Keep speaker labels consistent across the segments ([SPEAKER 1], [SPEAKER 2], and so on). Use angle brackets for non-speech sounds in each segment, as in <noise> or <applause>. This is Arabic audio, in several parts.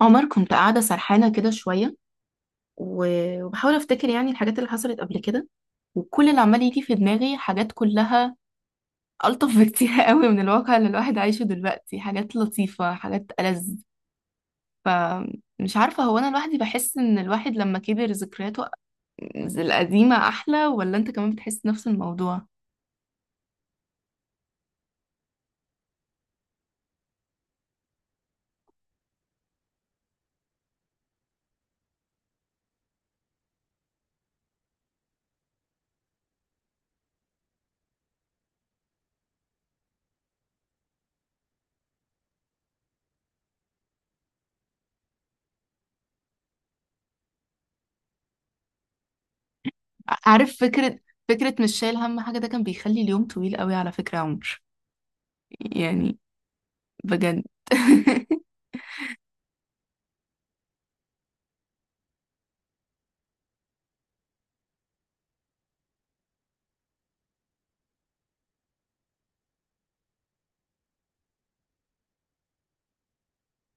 [SPEAKER 1] عمر، كنت قاعدة سرحانة كده شوية و- وبحاول أفتكر يعني الحاجات اللي حصلت قبل كده، وكل اللي عمال يجي في دماغي حاجات كلها ألطف <laughs> بكتير قوي من الواقع اللي الواحد عايشه دلوقتي، حاجات لطيفة حاجات ألذ. فمش عارفة، هو أنا لوحدي بحس إن الواحد لما كبر ذكرياته القديمة أحلى، ولا أنت كمان بتحس نفس الموضوع؟ عارف، فكرة، فكرة مش شايل هم حاجة ده كان بيخلي اليوم طويل قوي على فكرة يا عمر، يعني بجد.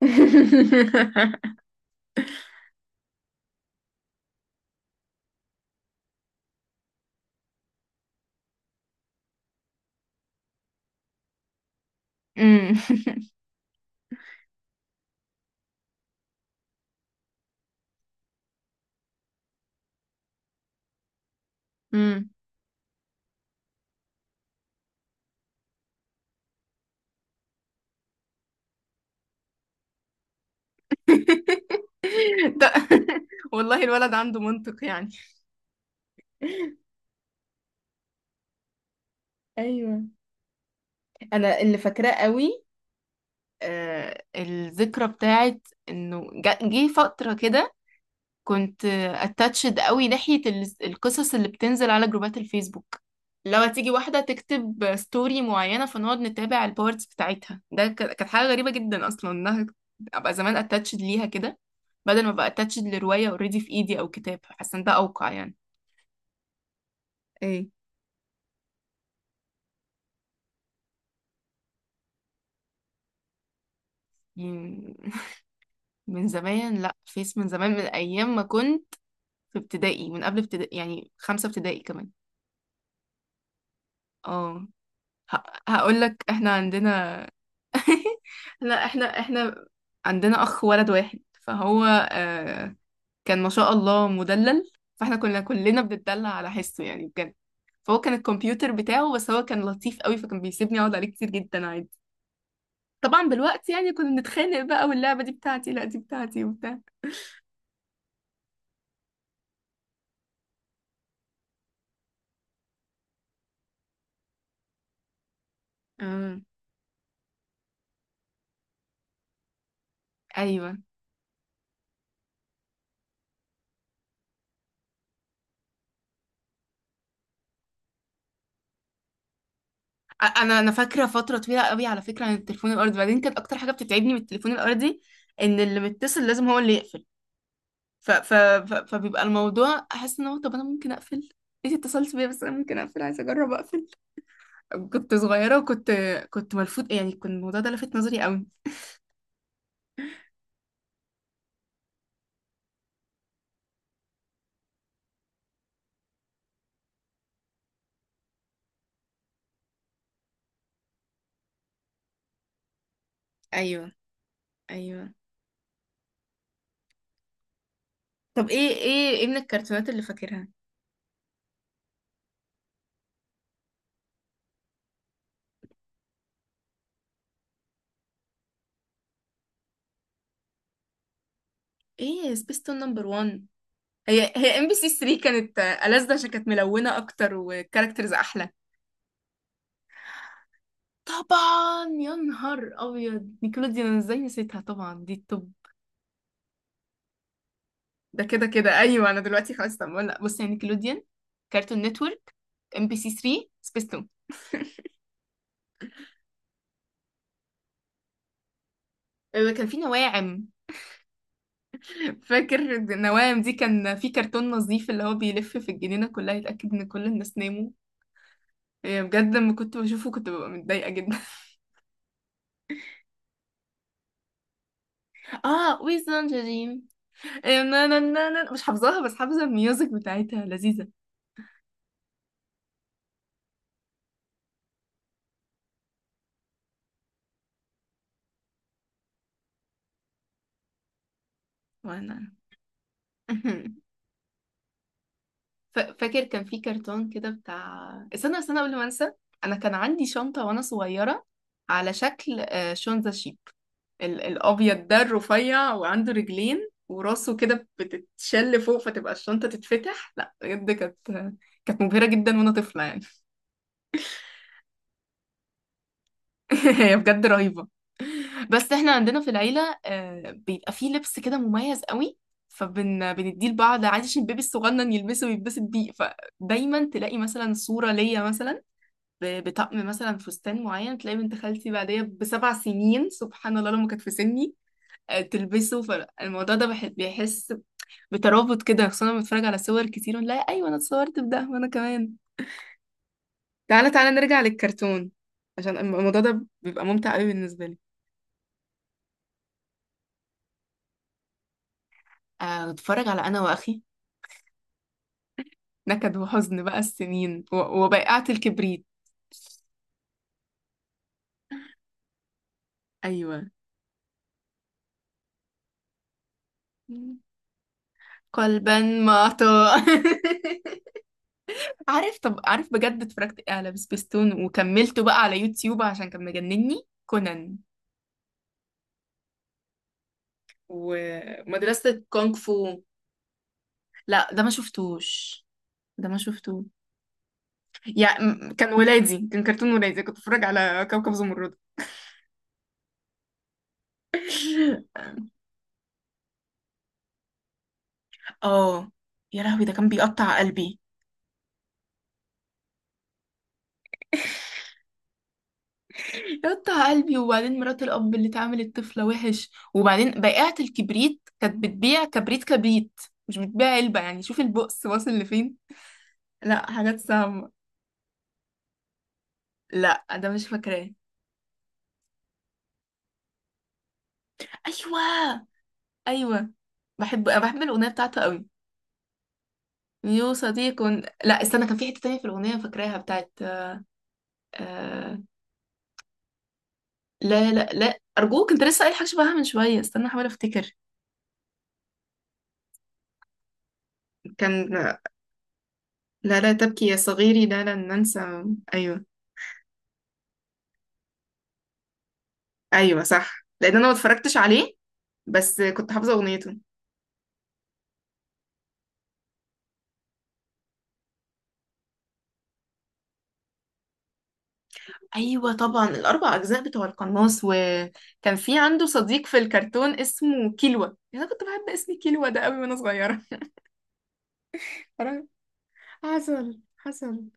[SPEAKER 1] <laughs> <laughs> أمم. <laughs> امم <laughs> ده <laughs> والله الولد عنده منطق يعني. ايوه، انا اللي فاكراه قوي آه الذكرى بتاعت انه جه فتره كده، كنت اتاتشد قوي ناحيه القصص اللي بتنزل على جروبات الفيسبوك. لو تيجي واحده تكتب ستوري معينه فنقعد نتابع البارتس بتاعتها، ده كانت حاجه غريبه جدا اصلا، انها ابقى زمان اتاتشد ليها كده بدل ما ابقى اتاتشد لروايه اوريدي في ايدي او كتاب، حاسه ان ده اوقع يعني. ايه؟ يعني <laughs> من زمان، لا فيس، من زمان، من ايام ما كنت في ابتدائي، من قبل ابتدائي، يعني خمسة ابتدائي كمان. اه، هقول لك احنا عندنا <laughs> لا احنا عندنا اخ ولد واحد، فهو آه كان ما شاء الله مدلل، فاحنا كنا كلنا بنتدلع على حسه يعني بجد. فهو كان الكمبيوتر بتاعه، بس هو كان لطيف قوي فكان بيسيبني اقعد عليه كتير جدا عادي. طبعا بالوقت يعني كنا بنتخانق بقى، واللعبة دي بتاعتي لا دي بتاعتي وبتاع. آه. ايوه، انا فاكره فتره طويله قوي على فكره عن التليفون الارضي. بعدين كانت اكتر حاجه بتتعبني من التليفون الارضي ان اللي متصل لازم هو اللي يقفل، ف... ف... ف... فبيبقى الموضوع احس ان هو، طب انا ممكن اقفل، انت اتصلت بيا بس انا ممكن اقفل، عايزه اجرب اقفل. كنت صغيره وكنت، كنت ملفوت يعني، كان الموضوع ده لفت نظري قوي. ايوه، ايوه. طب ايه، ايه من الكرتونات اللي فاكرها؟ ايه، سبيستون نمبر 1، هي ام بي سي 3 كانت ألذ عشان كانت ملونه اكتر وكاركترز احلى. طبعا، يا نهار ابيض نيكلوديان، أنا ازاي نسيتها؟ طبعا دي التوب. ده كده كده ايوه، انا دلوقتي خلاص، طب لا بص، يعني نيكلوديان، كارتون نتورك، ام بي سي 3، سبيستون. آه، <laughs> كان في نواعم. فاكر النواعم دي؟ كان في كرتون نظيف اللي هو بيلف في الجنينة كلها يتأكد ان كل الناس ناموا. آه، بجد لما كنت بشوفه كنت ببقى متضايقة جدا. <laughs> اه، ويزن جريم، آه، نا نا نا نا، مش حافظاها بس حافظة الميوزك بتاعتها لذيذة. وانا <laughs> فاكر كان في كرتون كده بتاع، استنى استنى قبل ما انسى، انا كان عندي شنطة وانا صغيرة على شكل آه، شونزا شيب، الابيض ده الرفيع، وعنده رجلين وراسه كده بتتشل فوق فتبقى الشنطة تتفتح. لا بجد كانت، كانت مبهرة جدا وانا طفلة يعني. <laughs> هي بجد رهيبة. بس احنا عندنا في العيلة آه، بيبقى فيه لبس كده مميز قوي، فبن بنديه لبعض عادي عشان البيبي الصغنن يلبسه ويتبسط بيه. فدايما تلاقي مثلا صورة ليا مثلا ب- بطقم مثلا فستان معين، تلاقي بنت خالتي بعديها بسبع سنين سبحان الله لما كانت في سني آه، تلبسه. فالموضوع ده بح- بيحس بترابط كده، خصوصا لما بتفرج على صور كتير ونلاقي ايوه انا اتصورت بده وانا كمان. تعالى تعالى نرجع للكرتون عشان الموضوع ده بيبقى ممتع قوي بالنسبه لي. آه، اتفرج على انا واخي، نكد وحزن بقى السنين، و- وبائعة الكبريت. ايوه، قلبا معطاء. <laughs> عارف، طب عارف بجد اتفرجت إيه على سبيستون وكملته بقى على يوتيوب عشان كان مجنني؟ كونان، ومدرسة كونغ فو. لا ده ما شفتوش، ده ما شفته. يعني كان ولادي، كان كرتون ولادي كنت بتفرج على كوكب زمرد. اه، يا لهوي ده كان بيقطع قلبي. يقطع قلبي، وبعدين مرات الأب اللي تعامل الطفلة وحش، وبعدين بائعة الكبريت كانت بتبيع كبريت كبريت، مش بتبيع علبة، يعني شوف البؤس واصل لفين، لا حاجات صعبة. لا ده مش فاكراه. ايوه، ايوه، بحب، أنا بحب الاغنيه بتاعته قوي. يو صديق، لا استنى، كان في حته تانية في الاغنيه فاكراها بتاعت آه... لا لا لا، ارجوك انت لسه قايل حاجه شبهها من شويه، استنى احاول افتكر. كان، لا لا تبكي يا صغيري، لا لن ننسى. ايوه. ايوه صح، لان انا ما اتفرجتش عليه بس كنت حافظه اغنيته. ايوه طبعا، الاربع اجزاء بتوع القناص، وكان في عنده صديق في الكرتون اسمه كيلوا. انا كنت بحب اسم كيلوا ده قوي وانا صغيره. <laughs> حصل حصل،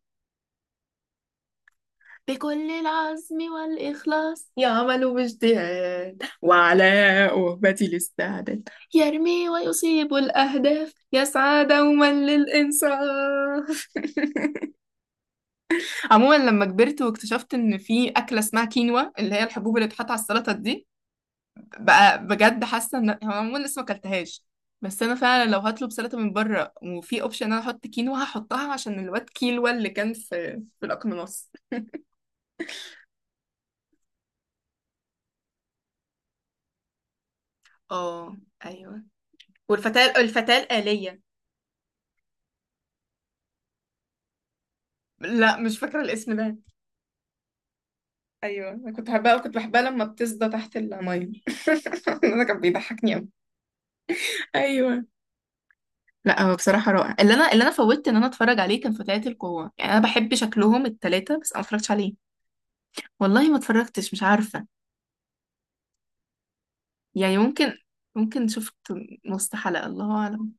[SPEAKER 1] بكل العزم والإخلاص يعمل باجتهاد، وعلى وهبة الاستعداد، يرمي ويصيب الأهداف، يسعى دوما للإنصاف. عموما لما كبرت واكتشفت إن في أكلة اسمها كينوا اللي هي الحبوب اللي بتحط على السلطة دي، بقى بجد حاسة إن هو، عموما لسه ما أكلتهاش، بس أنا فعلا لو هطلب سلطة من بره وفي أوبشن إن أنا أحط كينوا هحطها عشان الواد كيلوا اللي كان في الأقناص. اه، ايوه، والفتاة، الفتاة الآلية. لا مش فاكرة الاسم ده. ايوه انا كنت بحبها، كنت بحبها لما بتصدى تحت المية. <laughs> ده كان بيضحكني قوي. ايوه. لا هو بصراحة رائع، اللي انا، اللي انا فوتت ان انا اتفرج عليه كان فتيات القوة، يعني انا بحب شكلهم التلاتة بس انا ما اتفرجتش عليه. والله ما اتفرجتش، مش عارفة، يعني ممكن، ممكن شفت نص حلقة الله اعلم.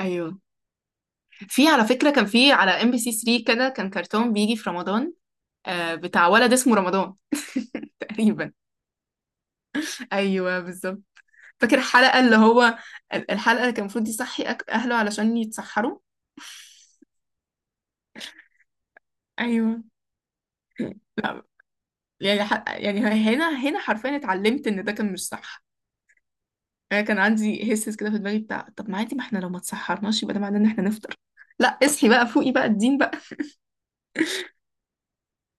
[SPEAKER 1] ايوه. في على فكرة، كان في على ام بي سي 3 كده كان كرتون بيجي في رمضان آه بتاع ولد اسمه رمضان <laughs> تقريبا. ايوه بالظبط. فاكر الحلقة اللي هو، الحلقة اللي كان المفروض يصحي أهله علشان يتسحروا. ايوه. لا، يعني يعني هنا حرفيا اتعلمت ان ده كان مش صح. انا كان عندي هسس كده في دماغي بتاع طب ما عادي ما احنا لو ما تسحرناش يبقى ده معناه ان احنا نفطر، لا اصحي بقى فوقي بقى الدين بقى.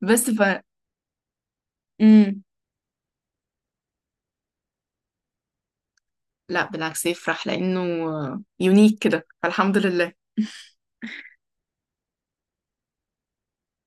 [SPEAKER 1] بس ف، امم، لا بالعكس يفرح لانه يونيك كده، فالحمد لله.